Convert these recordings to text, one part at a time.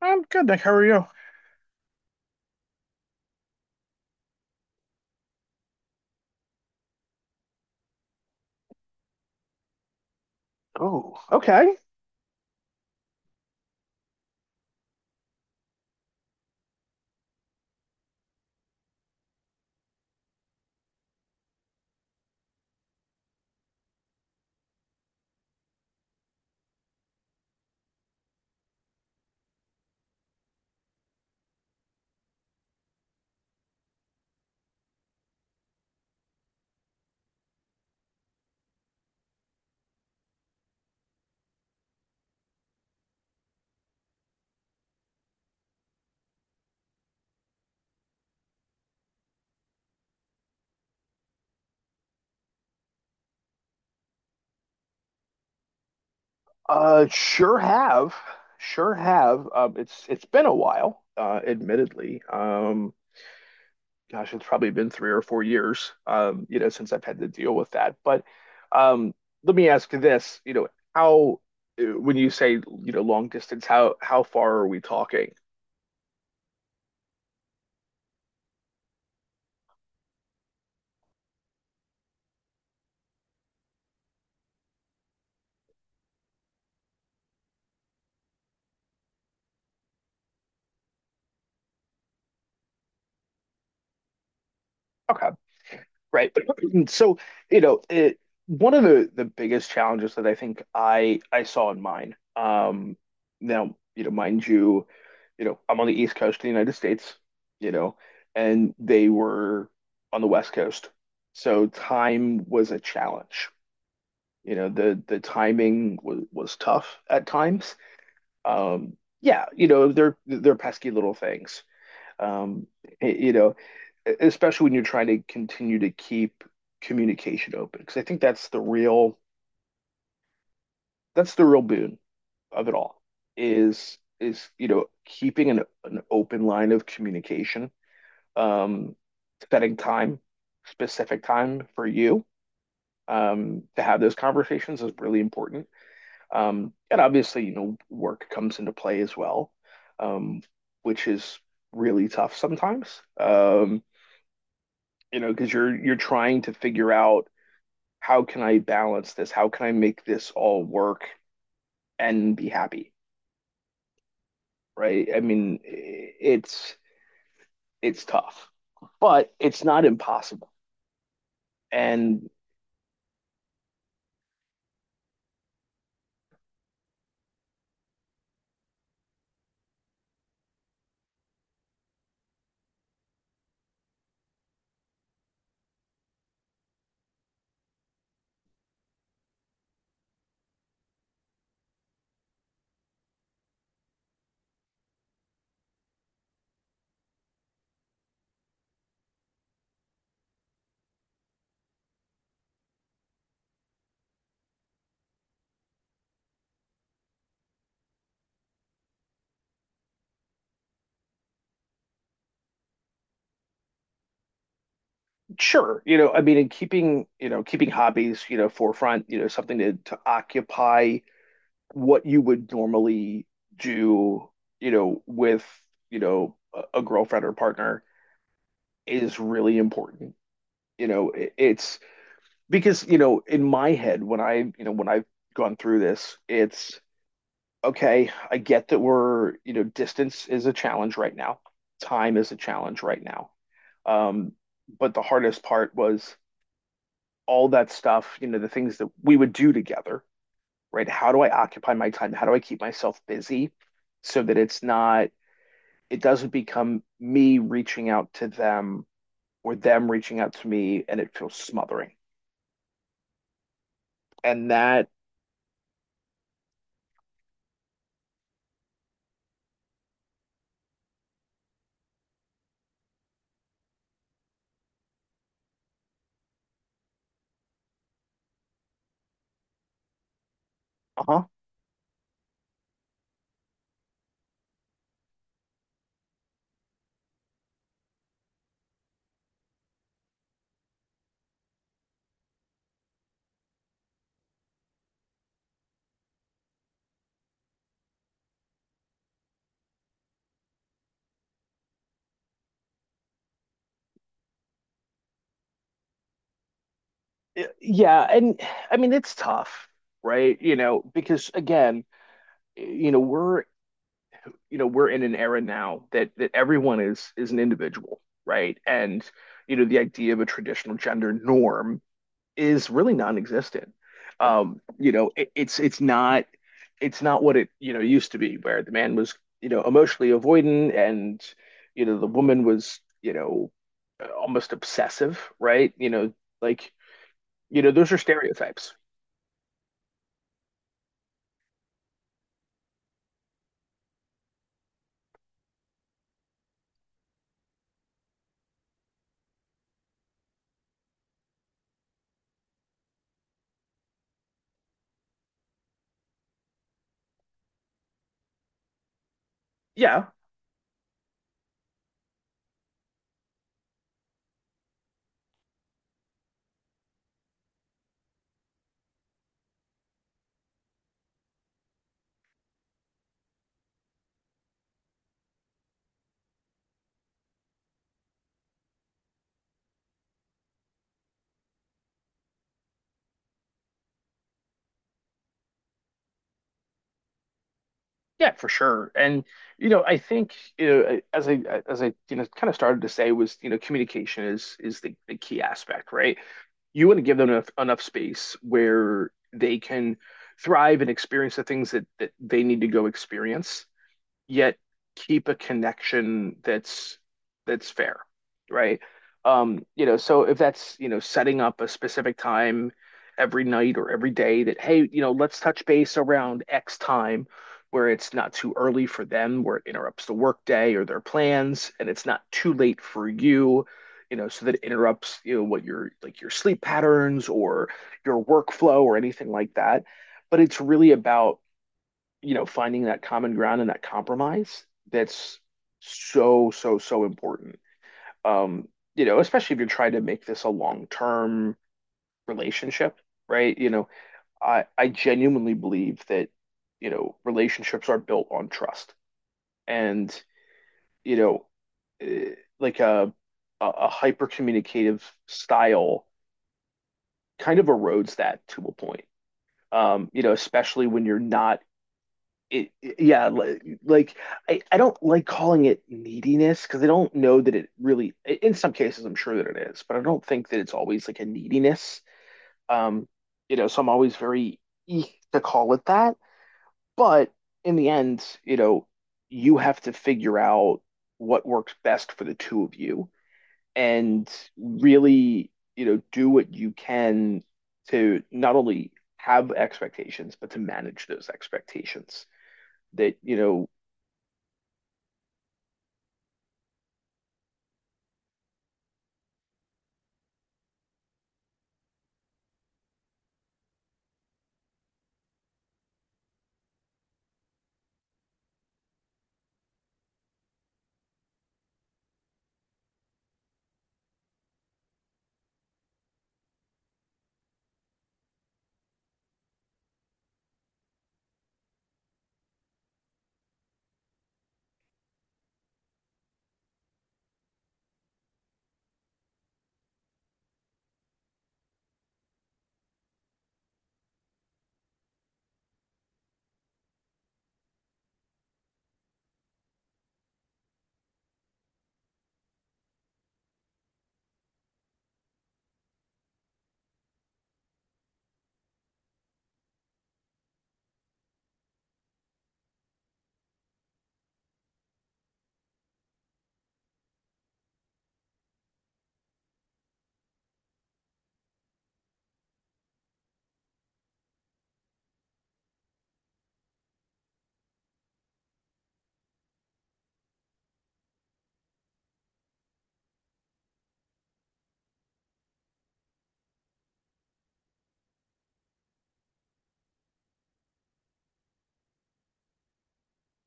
I'm good, Nick. How are you? Oh, okay. Sure have, sure have. It's been a while, admittedly. Gosh, it's probably been 3 or 4 years, you know, since I've had to deal with that. But um, let me ask you this, you know, how, when you say, you know, long distance, how far are we talking? Okay. Right. So, you know, it, one of the biggest challenges that I think I saw in mine, now, you know, mind you, you know, I'm on the East Coast of the United States, you know, and they were on the West Coast. So time was a challenge. You know, the timing was tough at times. Yeah, you know, they're pesky little things. Um, you know, especially when you're trying to continue to keep communication open, because I think that's the real boon of it all is you know keeping an open line of communication, um, setting time, specific time for you to have those conversations is really important. And obviously, you know, work comes into play as well, um, which is really tough sometimes. You know, because you're trying to figure out how can I balance this? How can I make this all work and be happy, right? I mean, it's tough, but it's not impossible. And sure, you know, I mean, in keeping, you know, keeping hobbies, you know, forefront, you know, something to occupy what you would normally do, you know, with, you know, a girlfriend or partner is really important. You know, it, it's because you know in my head when I you know when I've gone through this it's okay I get that we're you know distance is a challenge right now, time is a challenge right now, um but the hardest part was all that stuff, you know, the things that we would do together, right? How do I occupy my time? How do I keep myself busy so that it's not, it doesn't become me reaching out to them or them reaching out to me and it feels smothering. And that uh huh. Yeah, and I mean it's tough, right? You know, because again, you know, we're you know, we're in an era now that that everyone is an individual, right? And you know, the idea of a traditional gender norm is really non-existent. You know, it's not what it, you know, used to be where the man was, you know, emotionally avoidant and you know, the woman was, you know, almost obsessive, right? You know, like, you know, those are stereotypes. Yeah, yeah, for sure. And you know, I think you know, as I you know kind of started to say was you know communication is the key aspect, right? You want to give them enough space where they can thrive and experience the things that they need to go experience, yet keep a connection that's fair, right? You know, so if that's, you know, setting up a specific time every night or every day that, hey, you know, let's touch base around X time where it's not too early for them, where it interrupts the workday or their plans, and it's not too late for you, you know, so that it interrupts, you know, what your like your sleep patterns or your workflow or anything like that. But it's really about you know, finding that common ground and that compromise that's so important. Um, you know, especially if you're trying to make this a long-term relationship, right? You know, I genuinely believe that, you know, relationships are built on trust. And, you know, like a a hyper communicative style kind of erodes that to a point. You know, especially when you're not yeah, like I don't like calling it neediness because I don't know that it really, in some cases, I'm sure that it is, but I don't think that it's always like a neediness. Um, you know, so I'm always very eek to call it that. But in the end, you know, you have to figure out what works best for the two of you and really, you know, do what you can to not only have expectations, but to manage those expectations that you know.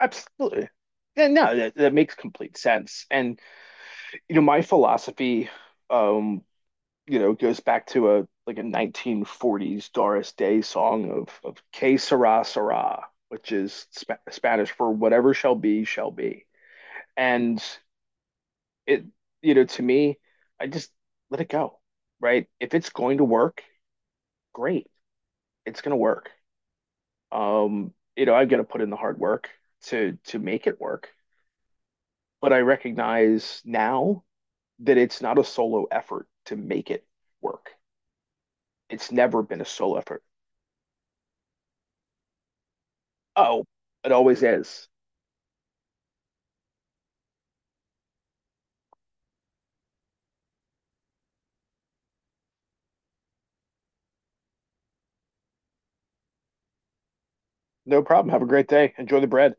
Absolutely. Yeah, no, that, that makes complete sense. And you know, my philosophy, um, you know, goes back to a like a 1940s Doris Day song of Que sera sera, which is sp Spanish for whatever shall be, shall be. And it, you know, to me, I just let it go, right? If it's going to work, great, it's going to work. You know, I've got to put in the hard work to make it work, but I recognize now that it's not a solo effort to make it work. It's never been a solo effort. Oh, it always is. No problem. Have a great day. Enjoy the bread.